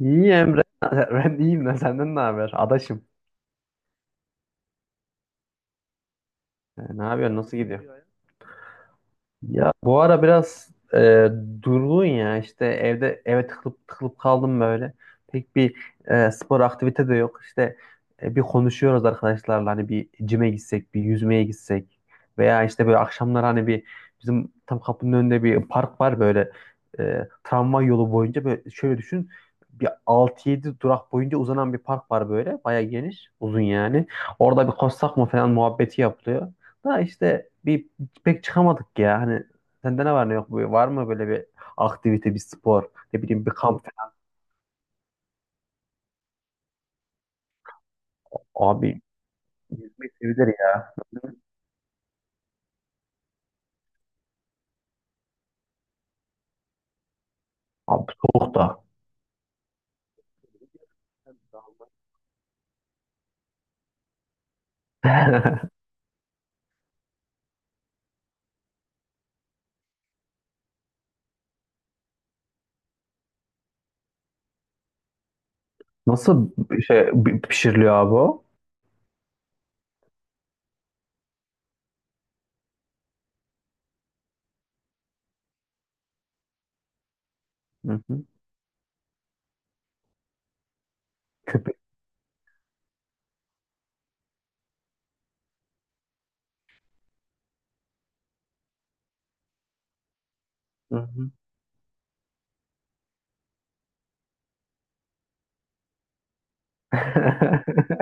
İyi Emre. Ben iyiyim de senden ne haber? Adaşım. Ne yapıyorsun? Nasıl gidiyor? Ya bu ara biraz durgun ya işte eve tıkılıp tıkılıp kaldım böyle. Pek bir spor aktivite de yok. İşte bir konuşuyoruz arkadaşlarla, hani bir cime gitsek, bir yüzmeye gitsek veya işte böyle akşamlar hani bir, bizim tam kapının önünde bir park var böyle, tramvay yolu boyunca, böyle şöyle düşün, bir 6 yedi durak boyunca uzanan bir park var, böyle bayağı geniş, uzun yani. Orada bir koşsak mı falan muhabbeti yapılıyor. Da işte bir, pek çıkamadık ya. Hani sende ne var ne yok? Böyle var mı böyle bir aktivite, bir spor, ne bileyim bir kamp falan? Abi yüzmek sevilir ya. Abi soğuk da. Nasıl bir şey pişiriliyor abi o? Hı hı. Köpü. Hı hı.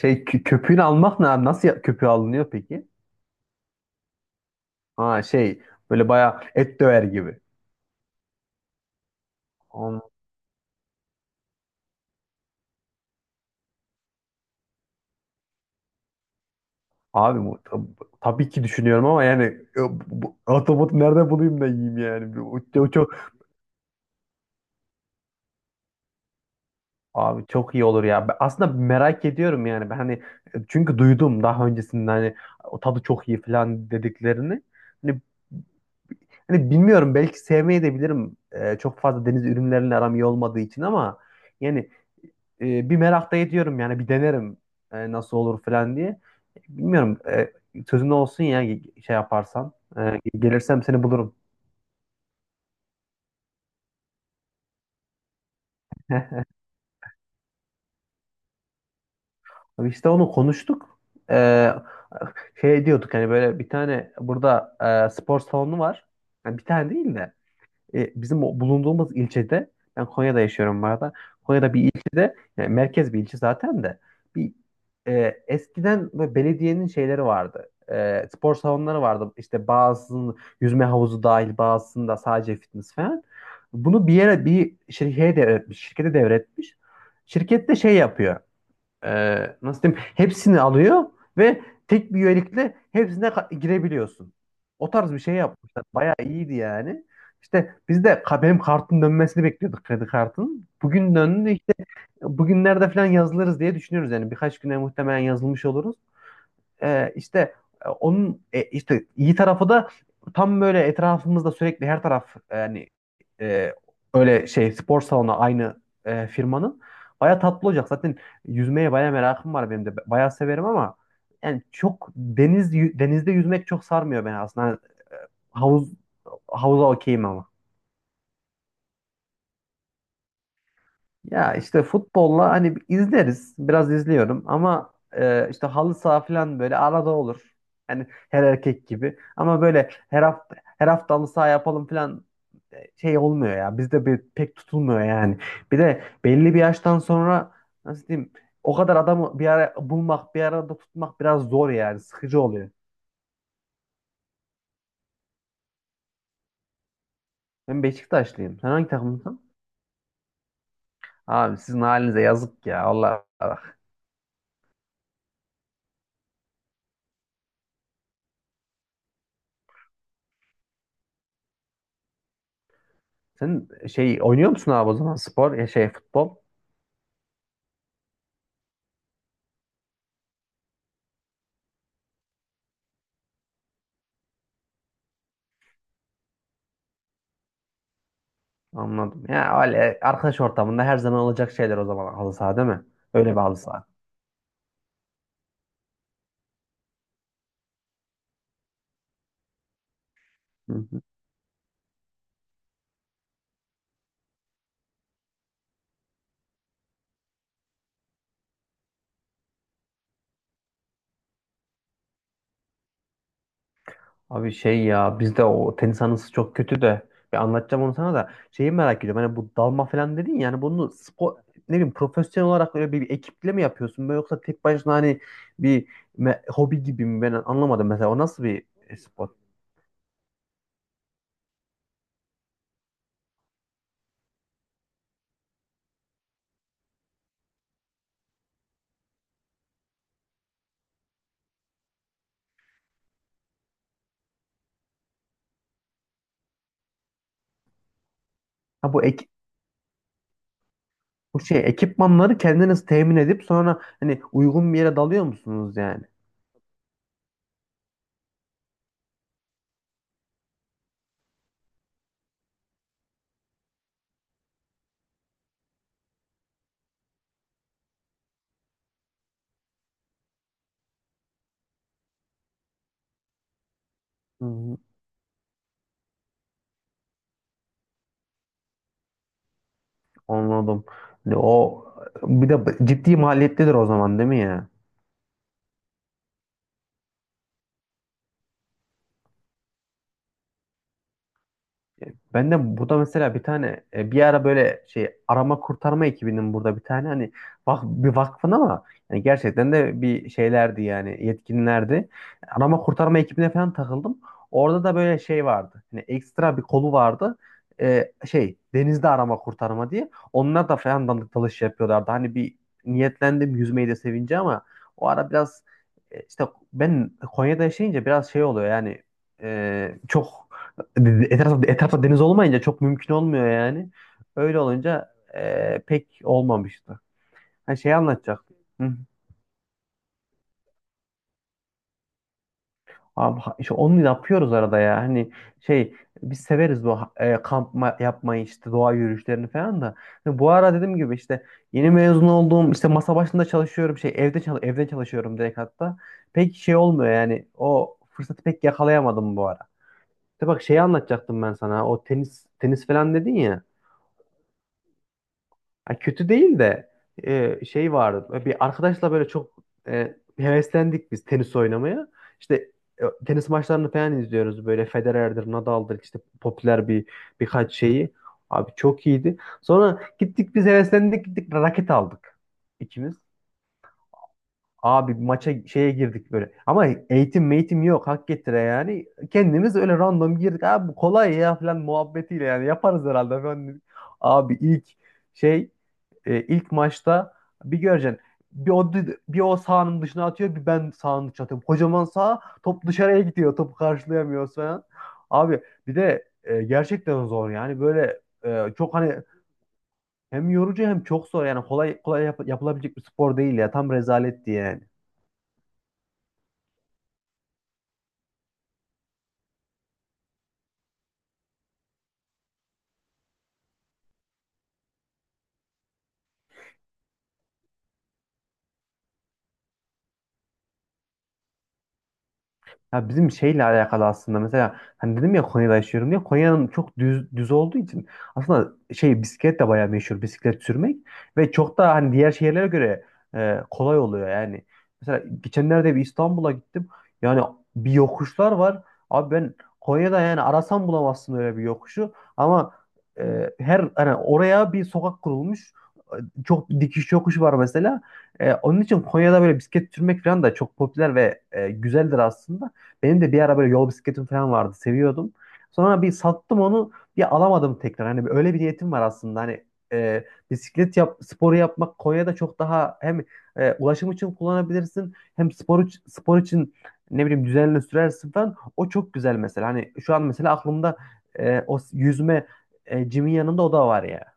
Köpüğünü almak ne abi? Nasıl köpüğü alınıyor peki? Ha, böyle bayağı et döver gibi. Am- Abi bu tabii ki düşünüyorum ama yani, ahtapotu nerede bulayım da yiyeyim yani. O çok. Abi çok iyi olur ya. Ben aslında merak ediyorum yani. Ben hani, çünkü duydum daha öncesinde hani o tadı çok iyi falan dediklerini. Hani, hani, bilmiyorum, belki sevmeyi de bilirim. Çok fazla deniz ürünleriyle aram iyi olmadığı için ama yani, bir merak da ediyorum yani, bir denerim nasıl olur falan diye. Bilmiyorum. E, sözün olsun ya, şey yaparsan. E, gelirsem seni bulurum. İşte onu konuştuk. Ee, şey diyorduk, hani böyle bir tane burada spor salonu var. Yani bir tane değil de, bizim o bulunduğumuz ilçede, ben Konya'da yaşıyorum bu arada. Konya'da bir ilçede, yani merkez bir ilçe zaten, de bir eskiden böyle belediyenin şeyleri vardı. E, spor salonları vardı. İşte bazısının yüzme havuzu dahil, bazısında sadece fitness falan. Bunu bir yere, bir şirkete devretmiş. Şirkete devretmiş. Şirket de şey yapıyor, e, nasıl diyeyim, hepsini alıyor ve tek bir üyelikle hepsine girebiliyorsun. O tarz bir şey yapmışlar. Bayağı iyiydi yani. İşte biz de benim kartın dönmesini bekliyorduk, kredi kartın. Bugün döndü işte, bugünlerde falan yazılırız diye düşünüyoruz, yani birkaç güne muhtemelen yazılmış oluruz, işte, onun, işte iyi tarafı da, tam böyle etrafımızda sürekli her taraf yani, e, öyle şey spor salonu, aynı firmanın. Baya tatlı olacak. Zaten yüzmeye baya merakım var benim de. Baya severim ama yani, çok denizde yüzmek çok sarmıyor beni aslında. Hani havuz havuza okeyim ama. Ya işte futbolla hani izleriz. Biraz izliyorum ama, işte halı saha falan böyle arada olur. Hani her erkek gibi. Ama böyle her hafta her hafta halı saha yapalım falan, şey olmuyor ya. Bizde bir, pek tutulmuyor yani. Bir de belli bir yaştan sonra, nasıl diyeyim, o kadar adamı bir ara bulmak, bir arada tutmak biraz zor yani. Sıkıcı oluyor. Ben Beşiktaşlıyım. Sen hangi takımlısın? Abi sizin halinize yazık ya. Allah Allah. Sen şey oynuyor musun abi, o zaman spor, ya şey futbol? Anladım. Ya öyle arkadaş ortamında her zaman olacak şeyler, o zaman halı saha, değil mi? Öyle bir halı saha. Hı hı. Abi şey, ya bizde o tenis anısı çok kötü de, bir anlatacağım onu sana, da şeyi merak ediyorum. Hani bu dalma falan dedin ya, yani bunu spor, ne bileyim, profesyonel olarak öyle bir ekiple mi yapıyorsun böyle, yoksa tek başına hani bir hobi gibi mi, ben anlamadım mesela o nasıl bir spor? Ha, bu ekipmanları kendiniz temin edip sonra hani uygun bir yere dalıyor musunuz yani? Anladım. O bir de ciddi maliyetlidir o zaman, değil mi ya? E, ben de burada mesela bir tane, bir ara böyle şey arama kurtarma ekibinin burada bir tane, hani bir vakfın, ama yani gerçekten de bir şeylerdi yani, yetkinlerdi. Arama kurtarma ekibine falan takıldım. Orada da böyle şey vardı. Hani ekstra bir kolu vardı. E, şey denizde arama kurtarma diye. Onlar da falan dandik dalış yapıyorlardı. Hani bir niyetlendim, yüzmeyi de sevince, ama o ara biraz, işte ben Konya'da yaşayınca biraz şey oluyor yani, çok. Etrafta deniz olmayınca çok mümkün olmuyor yani. Öyle olunca, pek olmamıştı. Hani şey anlatacaktım. Hı. Abi, işte onu yapıyoruz arada ya. Hani şey, biz severiz bu, kamp yapmayı, işte doğa yürüyüşlerini falan da. Hani bu ara dediğim gibi işte yeni mezun oldum. İşte masa başında çalışıyorum. Evden çalışıyorum direkt hatta. Pek şey olmuyor yani. O fırsatı pek yakalayamadım bu ara. De bak, şeyi anlatacaktım ben sana. O tenis falan dedin ya. Ha, kötü değil de, şey vardı. Bir arkadaşla böyle çok heveslendik biz tenis oynamaya. İşte tenis maçlarını falan izliyoruz böyle, Federer'dir, Nadal'dır, işte popüler birkaç şeyi. Abi çok iyiydi. Sonra gittik, biz heveslendik, gittik raket aldık ikimiz. Abi maça şeye girdik böyle. Ama eğitim meğitim yok, hak getire yani. Kendimiz öyle random girdik. Abi bu kolay ya falan muhabbetiyle, yani yaparız herhalde falan, dedik. Abi ilk şey, ilk maçta bir göreceksin. Bir o, bir o sahanın dışına atıyor, bir ben sahanın dışına atıyorum. Kocaman saha, top dışarıya gidiyor. Topu karşılayamıyoruz falan. Abi bir de gerçekten zor yani böyle, çok hani hem yorucu hem çok zor yani, kolay kolay yapılabilecek bir spor değil ya. Tam rezaletti yani. Ya bizim şeyle alakalı aslında, mesela hani dedim ya Konya'da yaşıyorum diye, Konya'nın çok düz düz olduğu için aslında şey, bisiklet de bayağı meşhur, bisiklet sürmek, ve çok da hani diğer şehirlere göre kolay oluyor yani. Mesela geçenlerde bir İstanbul'a gittim. Yani bir yokuşlar var. Abi ben Konya'da, yani arasam bulamazsın öyle bir yokuşu, ama her hani oraya bir sokak kurulmuş. E, çok dikiş yokuş var mesela. E, onun için Konya'da böyle bisiklet sürmek falan da çok popüler ve güzeldir aslında. Benim de bir ara böyle yol bisikletim falan vardı. Seviyordum. Sonra bir sattım onu. Bir alamadım tekrar. Hani öyle bir niyetim var aslında. Hani e, bisiklet sporu yapmak Konya'da çok daha hem ulaşım için kullanabilirsin, hem spor, spor için, ne bileyim, düzenli sürersin falan. O çok güzel mesela. Hani şu an mesela aklımda o yüzme, cimin yanında o da var ya.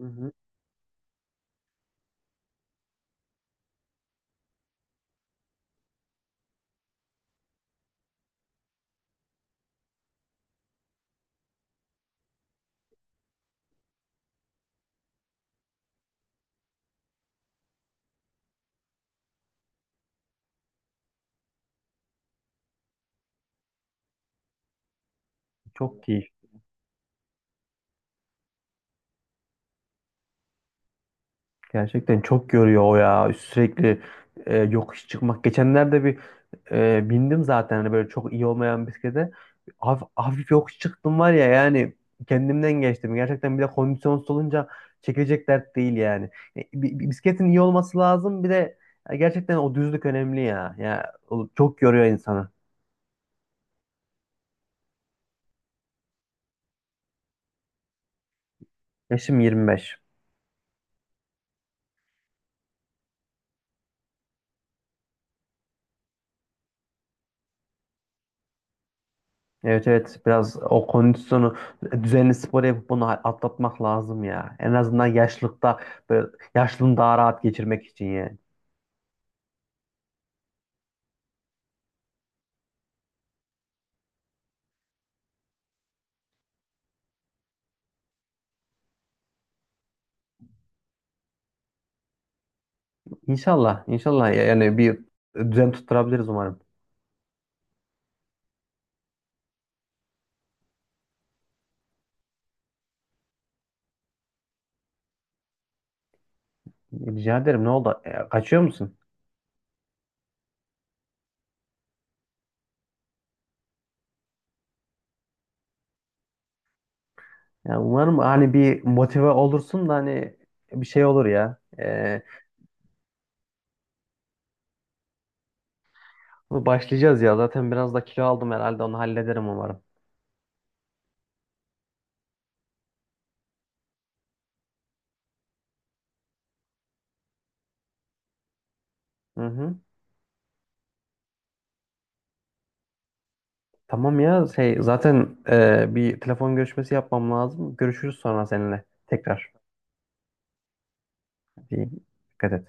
Hı hı. Çok iyi. Gerçekten çok görüyor o ya. Sürekli yokuş çıkmak. Geçenlerde bir bindim zaten hani böyle çok iyi olmayan bisiklete. Hafif, hafif yokuş çıktım, var ya yani, kendimden geçtim. Gerçekten bir de kondisyonsuz olunca çekilecek dert değil yani. Bisikletin iyi olması lazım. Bir de gerçekten o düzlük önemli ya. Ya o çok yoruyor insanı. Yaşım 25. Evet evet, biraz o kondisyonu düzenli spor yapıp bunu atlatmak lazım ya. En azından yaşlılıkta böyle, yaşlılığını daha rahat geçirmek için yani. İnşallah inşallah, yani bir düzen tutturabiliriz umarım. Rica ederim, ne oldu? E, kaçıyor musun? Ya umarım hani bir motive olursun da hani bir şey olur ya. E, başlayacağız ya zaten, biraz da kilo aldım herhalde, onu hallederim umarım. Hı hı. Tamam ya, şey zaten, bir telefon görüşmesi yapmam lazım. Görüşürüz sonra seninle tekrar. İyi. Dikkat et.